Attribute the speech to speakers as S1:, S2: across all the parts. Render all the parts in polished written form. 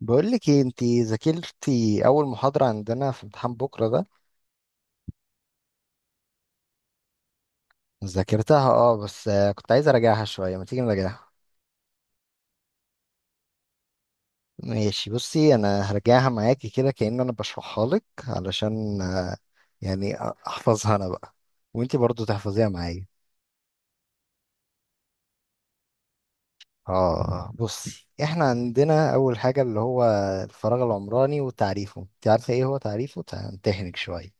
S1: بقول لك ايه؟ انت ذاكرتي اول محاضرة عندنا في امتحان بكرة ده؟ ذاكرتها اه، بس كنت عايز اراجعها شوية. ما تيجي نراجعها. ماشي. بصي انا هرجعها معاكي كده كأن انا بشرحها لك علشان يعني احفظها انا بقى، وانت برضو تحفظيها معايا. اه. بصي احنا عندنا اول حاجة اللي هو الفراغ العمراني وتعريفه. انت عارفة ايه هو تعريفه؟ امتحنك شوية.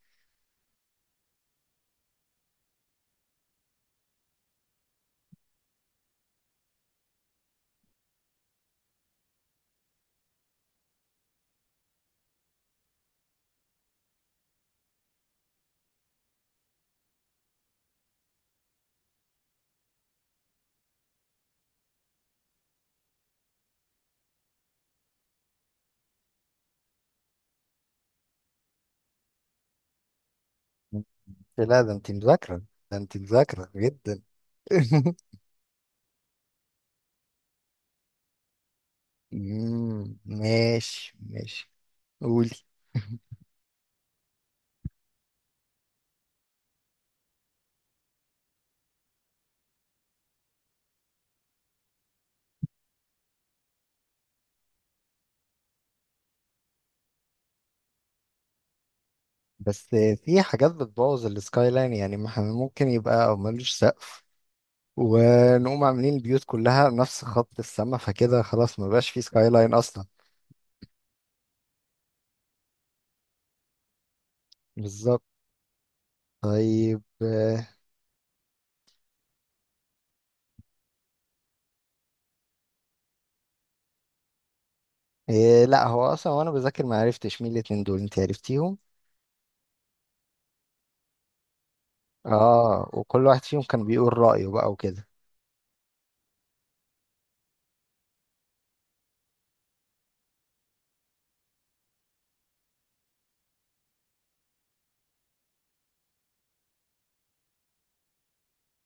S1: لا، ده انت مذاكرة. ده انت مذاكرة جدا. ماشي ماشي. قولي. بس في حاجات بتبوظ السكاي لاين، يعني ما احنا ممكن يبقى او ملوش سقف، ونقوم عاملين البيوت كلها نفس خط السما، فكده خلاص ما بقاش في سكاي لاين اصلا. بالظبط. طيب إيه، لا هو اصلا وانا بذاكر ما عرفتش مين الاتنين دول، انت عرفتيهم؟ اه، وكل واحد فيهم كان بيقول رأيه بقى وكده.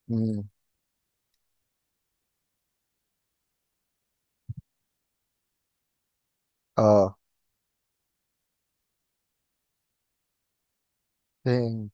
S1: مم. اه. فين؟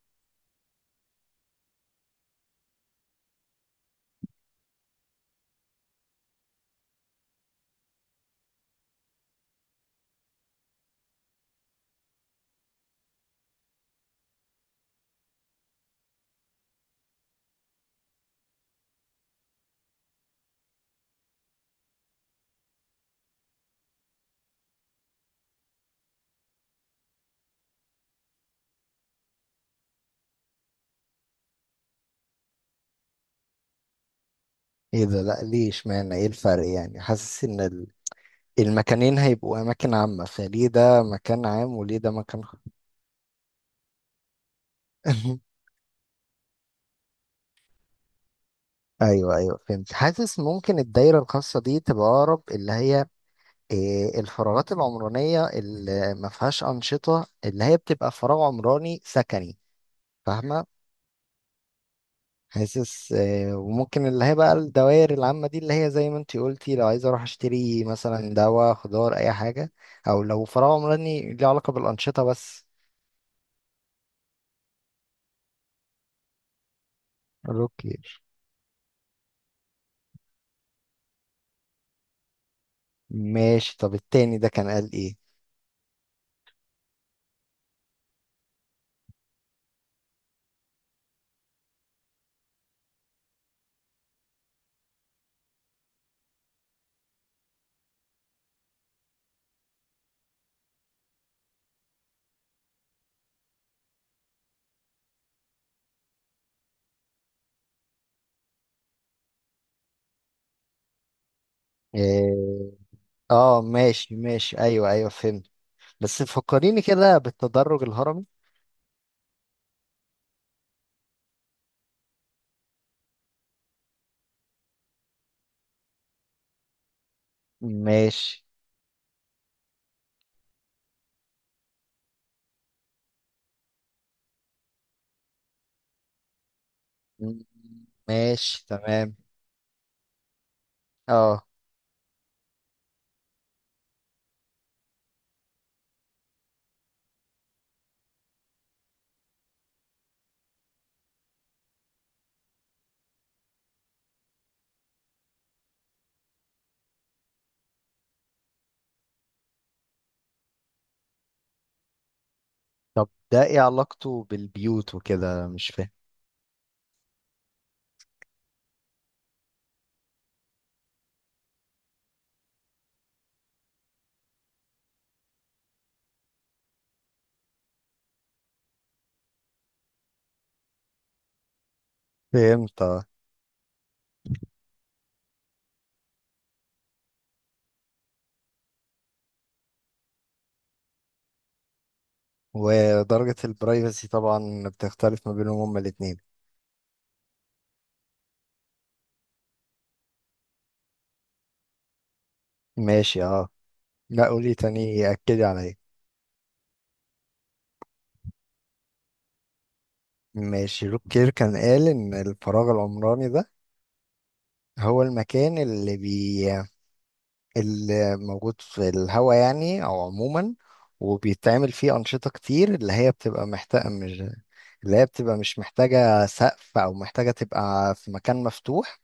S1: ايه ده؟ لا، ليه؟ اشمعنى؟ ايه الفرق يعني؟ حاسس ان المكانين هيبقوا اماكن عامة، فليه ده مكان عام وليه ده مكان ايوه ايوه فهمت. حاسس ممكن الدايرة الخاصة دي تبقى اقرب اللي هي إيه، الفراغات العمرانية اللي ما فيهاش أنشطة، اللي هي بتبقى فراغ عمراني سكني. فاهمة؟ حاسس إيه، وممكن اللي هي بقى الدوائر العامة دي اللي هي زي ما انتي قلتي، لو عايزة اروح اشتري مثلا دواء، خضار، اي حاجة. او لو فراغ عمراني ليه علاقة بالأنشطة بس. روكير. ماشي، طب التاني ده كان قال ايه؟ إيه، اه ماشي ماشي ايوه ايوه فهمت. بس فكريني كده بالتدرج الهرمي. ماشي. م- ماشي تمام. اه. طب ده ايه علاقته بالبيوت وكده، مش فاهم. فهمت اه. ودرجة البرايفسي طبعا بتختلف ما بينهم هما الاتنين. ماشي اه. لا، قولي تاني، أكدي عليا. ماشي. روكير كان قال إن الفراغ العمراني ده هو المكان اللي موجود في الهواء، يعني او عموما، وبيتعمل فيه انشطه كتير اللي هي بتبقى مش محتاجه سقف، او محتاجه تبقى في مكان مفتوح،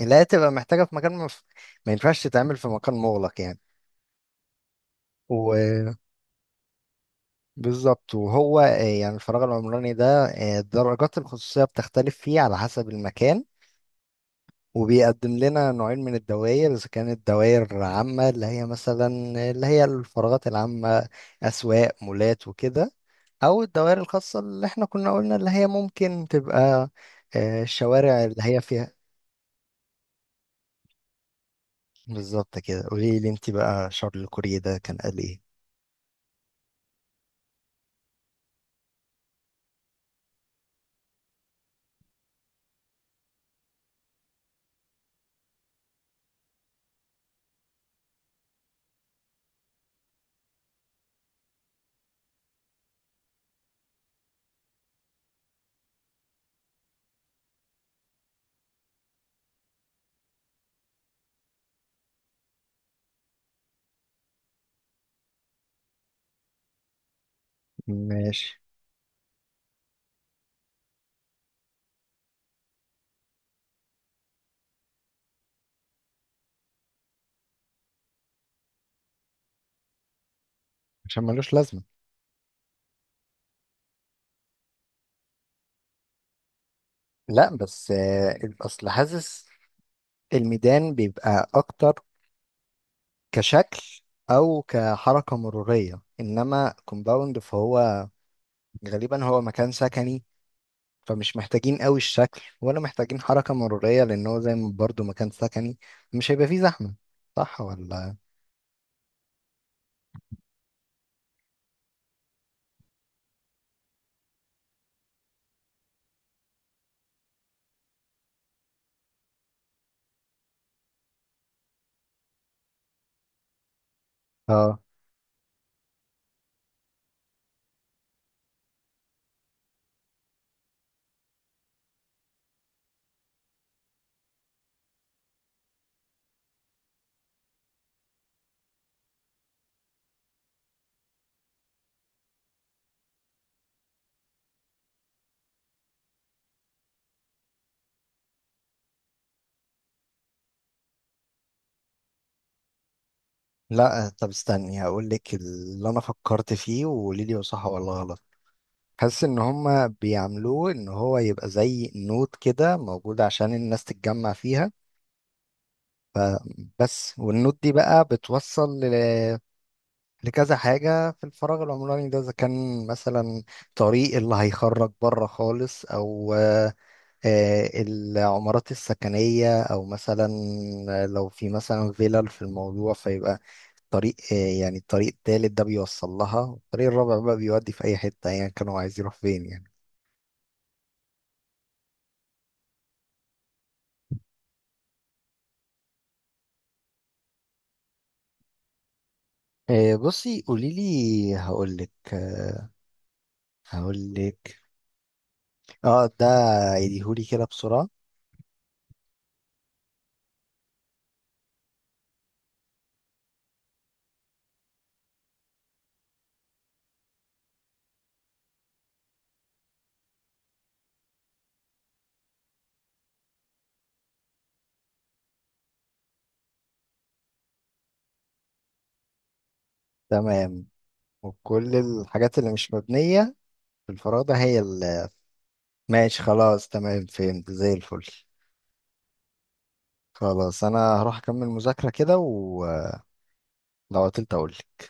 S1: اللي هي تبقى محتاجه في مكان مف... ما ينفعش تتعمل في مكان مغلق يعني. وبالظبط، وهو يعني الفراغ العمراني ده درجات الخصوصيه بتختلف فيه على حسب المكان، وبيقدم لنا نوعين من الدوائر. إذا كانت دوائر عامة اللي هي مثلا اللي هي الفراغات العامة، أسواق، مولات وكده، أو الدوائر الخاصة اللي احنا كنا قلنا اللي هي ممكن تبقى الشوارع اللي هي فيها. بالظبط كده. قولي لي انت بقى، شارل كوريه ده كان قال ايه؟ ماشي، عشان ملوش لازمة. لا، بس اصل حاسس الميدان بيبقى اكتر كشكل او كحركة مرورية، انما كومباوند فهو غالبا هو مكان سكني، فمش محتاجين قوي الشكل ولا محتاجين حركة مرورية، لأن هو زي ما برضه مكان سكني، مش هيبقى فيه زحمة. صح ولا؟ اه. لا، طب استني هقول لك اللي أنا فكرت فيه وقولي لي هو صح ولا غلط. حاسس إن هما بيعملوه إن هو يبقى زي نوت كده موجود عشان الناس تتجمع فيها. بس والنوت دي بقى بتوصل لكذا حاجة في الفراغ العمراني ده. إذا كان مثلا طريق اللي هيخرج بره خالص، أو العمارات السكنية، أو مثلا لو في مثلا فيلل في الموضوع، فيبقى طريق يعني الطريق التالت ده بيوصل لها، والطريق الرابع بقى بيودي في أي حتة أيا يعني كانوا عايزين يروح فين يعني. بصي قوليلي هقولك. هقولك. اه ده، عيديهولي كده بسرعة. تمام. وكل الحاجات اللي مش مبنية في الفراغ ده هي اللي. ماشي خلاص تمام، فهمت زي الفل. خلاص أنا هروح أكمل مذاكرة كده، ولو عطلت أقولك.